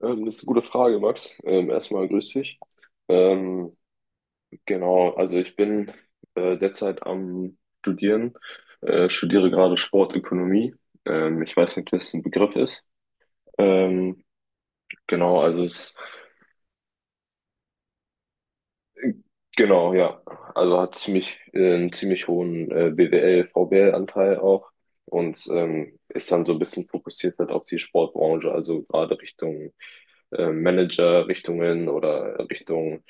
Das ist eine gute Frage, Max. Erstmal grüß dich. Ähm, genau, also ich bin derzeit am Studieren, studiere gerade Sportökonomie. Ich weiß nicht, ob das ein Begriff ist. Ähm, genau, also es Genau, ja. Also hat ziemlich, einen ziemlich hohen BWL, VWL-Anteil auch und ist dann so ein bisschen fokussiert halt auf die Sportbranche, also gerade Richtung Manager, Richtungen oder Richtung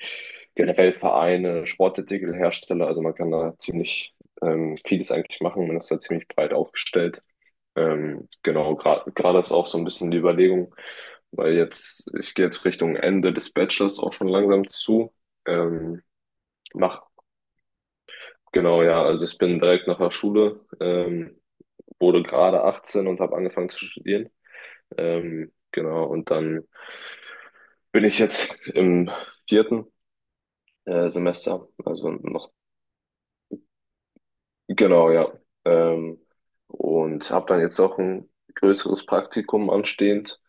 generell Vereine, Sportartikelhersteller. Also man kann da ziemlich vieles eigentlich machen. Man ist da ziemlich breit aufgestellt. Genau, gerade ist auch so ein bisschen die Überlegung, weil jetzt, ich gehe jetzt Richtung Ende des Bachelors auch schon langsam zu. Ähm, mach Genau, ja. Also ich bin direkt nach der Schule, wurde gerade 18 und habe angefangen zu studieren. Genau, und dann bin ich jetzt im vierten Semester, also noch, genau, ja. Ähm, und habe dann jetzt auch ein größeres Praktikum anstehend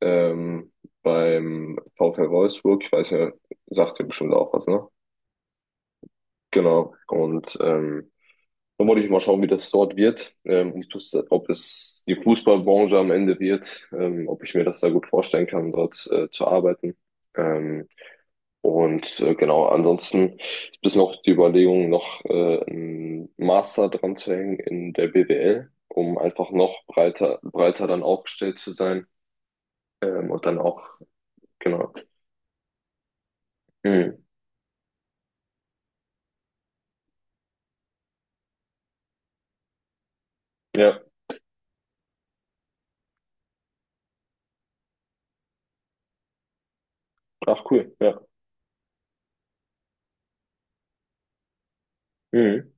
ähm, beim VfL Wolfsburg. Ich weiß ja, sagt ihr bestimmt auch was, ne? Genau. Dann wollte ich mal schauen, wie das dort wird, ob das, ob es die Fußballbranche am Ende wird, ob ich mir das da gut vorstellen kann, dort zu arbeiten. Ähm, Ansonsten ist bis noch die Überlegung, noch einen Master dran zu hängen in der BWL, um einfach noch breiter dann aufgestellt zu sein. Ähm, und dann auch, genau. Mhm. Ja, ach cool, ja. Mhm.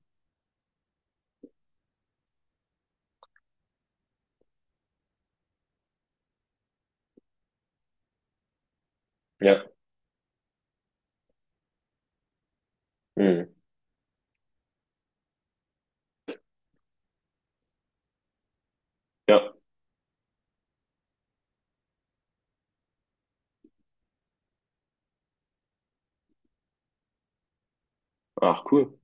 Ja, mhm. Ja, ach cool.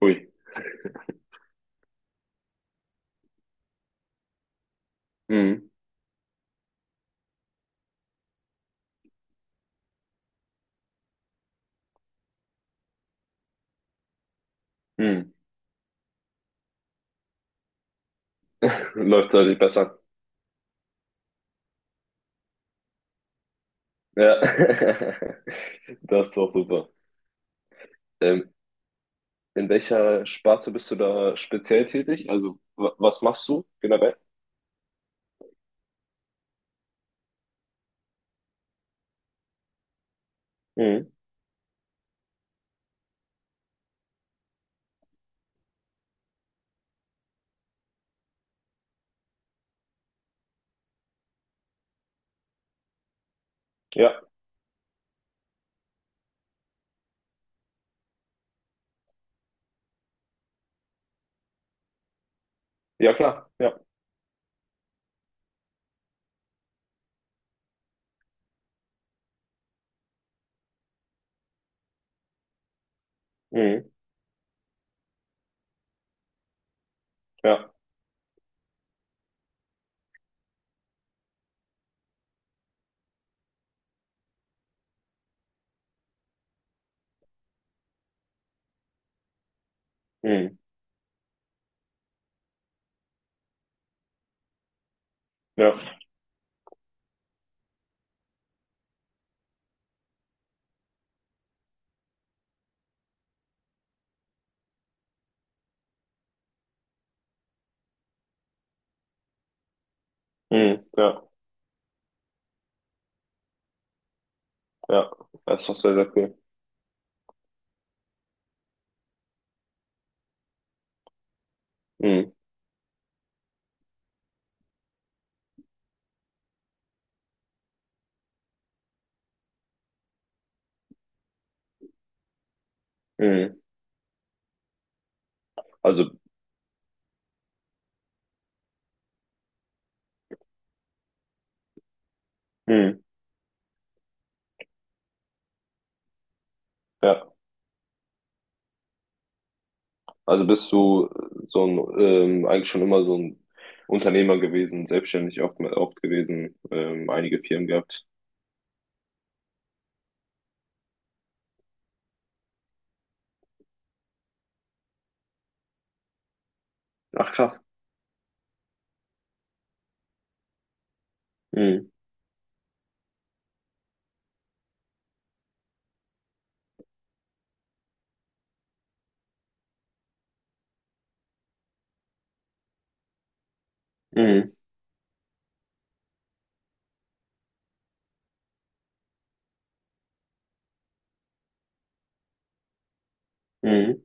Ui. Mhm. Mhm. Läuft deutlich besser. Ja, das ist doch super. Ähm, in welcher Sparte bist du da speziell tätig? Also, was machst du generell? Mhm. Ja, ja, klar. Ja, mhm. Ja, mhm. Ja, mhm. Ja, ja. Das ist doch sehr, sehr cool. Mhm. Mhm. Also, mhm. Ja, also bist du so ein, eigentlich schon immer so ein Unternehmer gewesen, selbstständig oft gewesen, einige Firmen gehabt. Ach, krass. Mhm. Mhm. Mhm.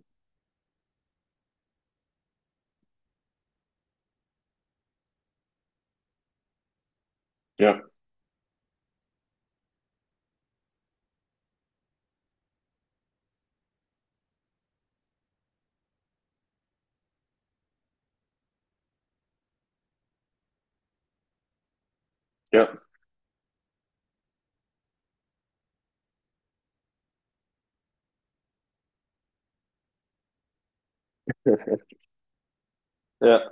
Ja, ja. Ja.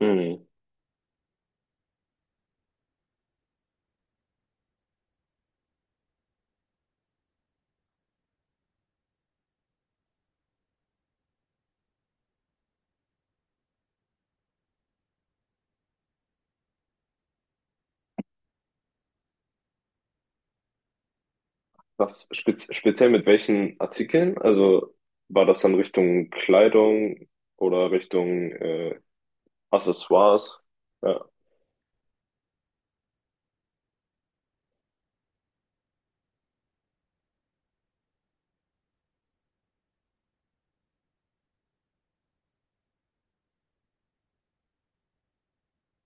Hm. Was speziell mit welchen Artikeln? Also war das dann Richtung Kleidung oder Richtung Accessoires? Ja.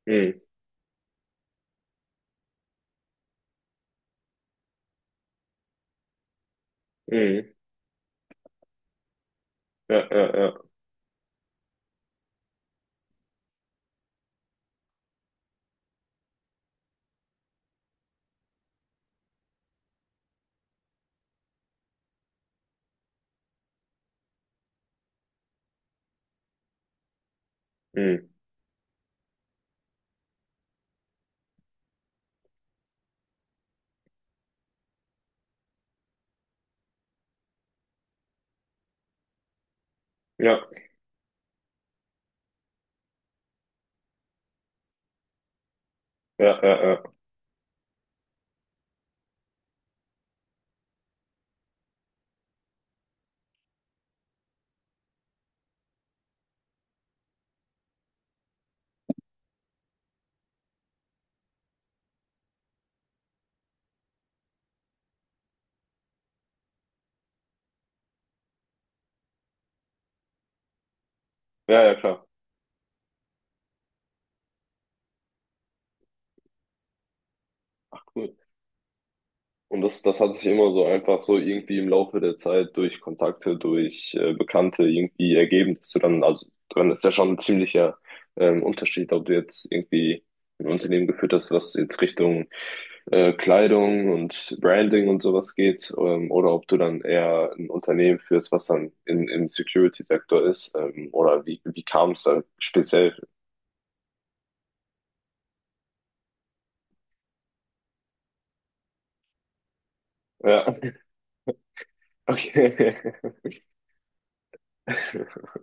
Hm. Hm. Ja, ja, ja. Hm. Ja, ja, ja, ja. Ja, ja, klar. Ach, cool. Und das hat sich immer so einfach so irgendwie im Laufe der Zeit durch Kontakte, durch Bekannte irgendwie ergeben, dass du dann, also dann ist ja schon ein ziemlicher Unterschied, ob du jetzt irgendwie ein Unternehmen geführt hast, was jetzt Richtung Kleidung und Branding und sowas geht, oder ob du dann eher ein Unternehmen führst, was dann im Security-Sektor ist, oder wie kam es da speziell? Ja, okay.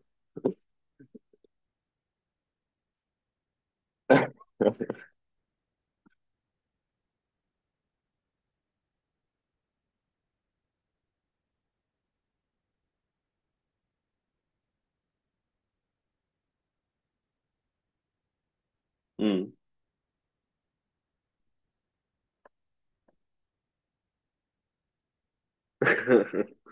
Mm.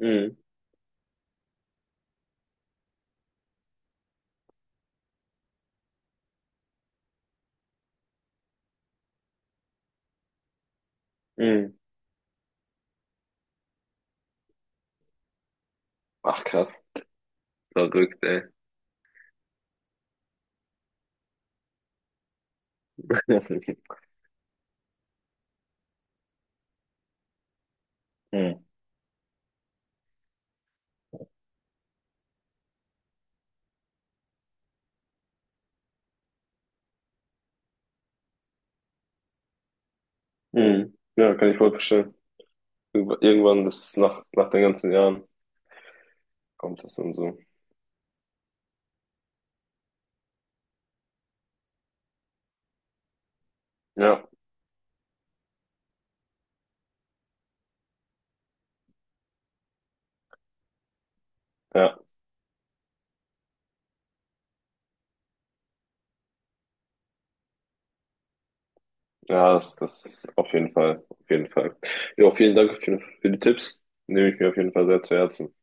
Mm. Mm. Ach, krass. Verrückt, ey. Hm. Hm. Ja, kann ich voll verstehen. Irgendwann, das nach, nach den ganzen Jahren, kommt das dann so. Ja, ja, ja, das, das auf jeden Fall, auf jeden Fall. Ja, vielen Dank auf für die Tipps. Nehme ich mir auf jeden Fall sehr zu Herzen.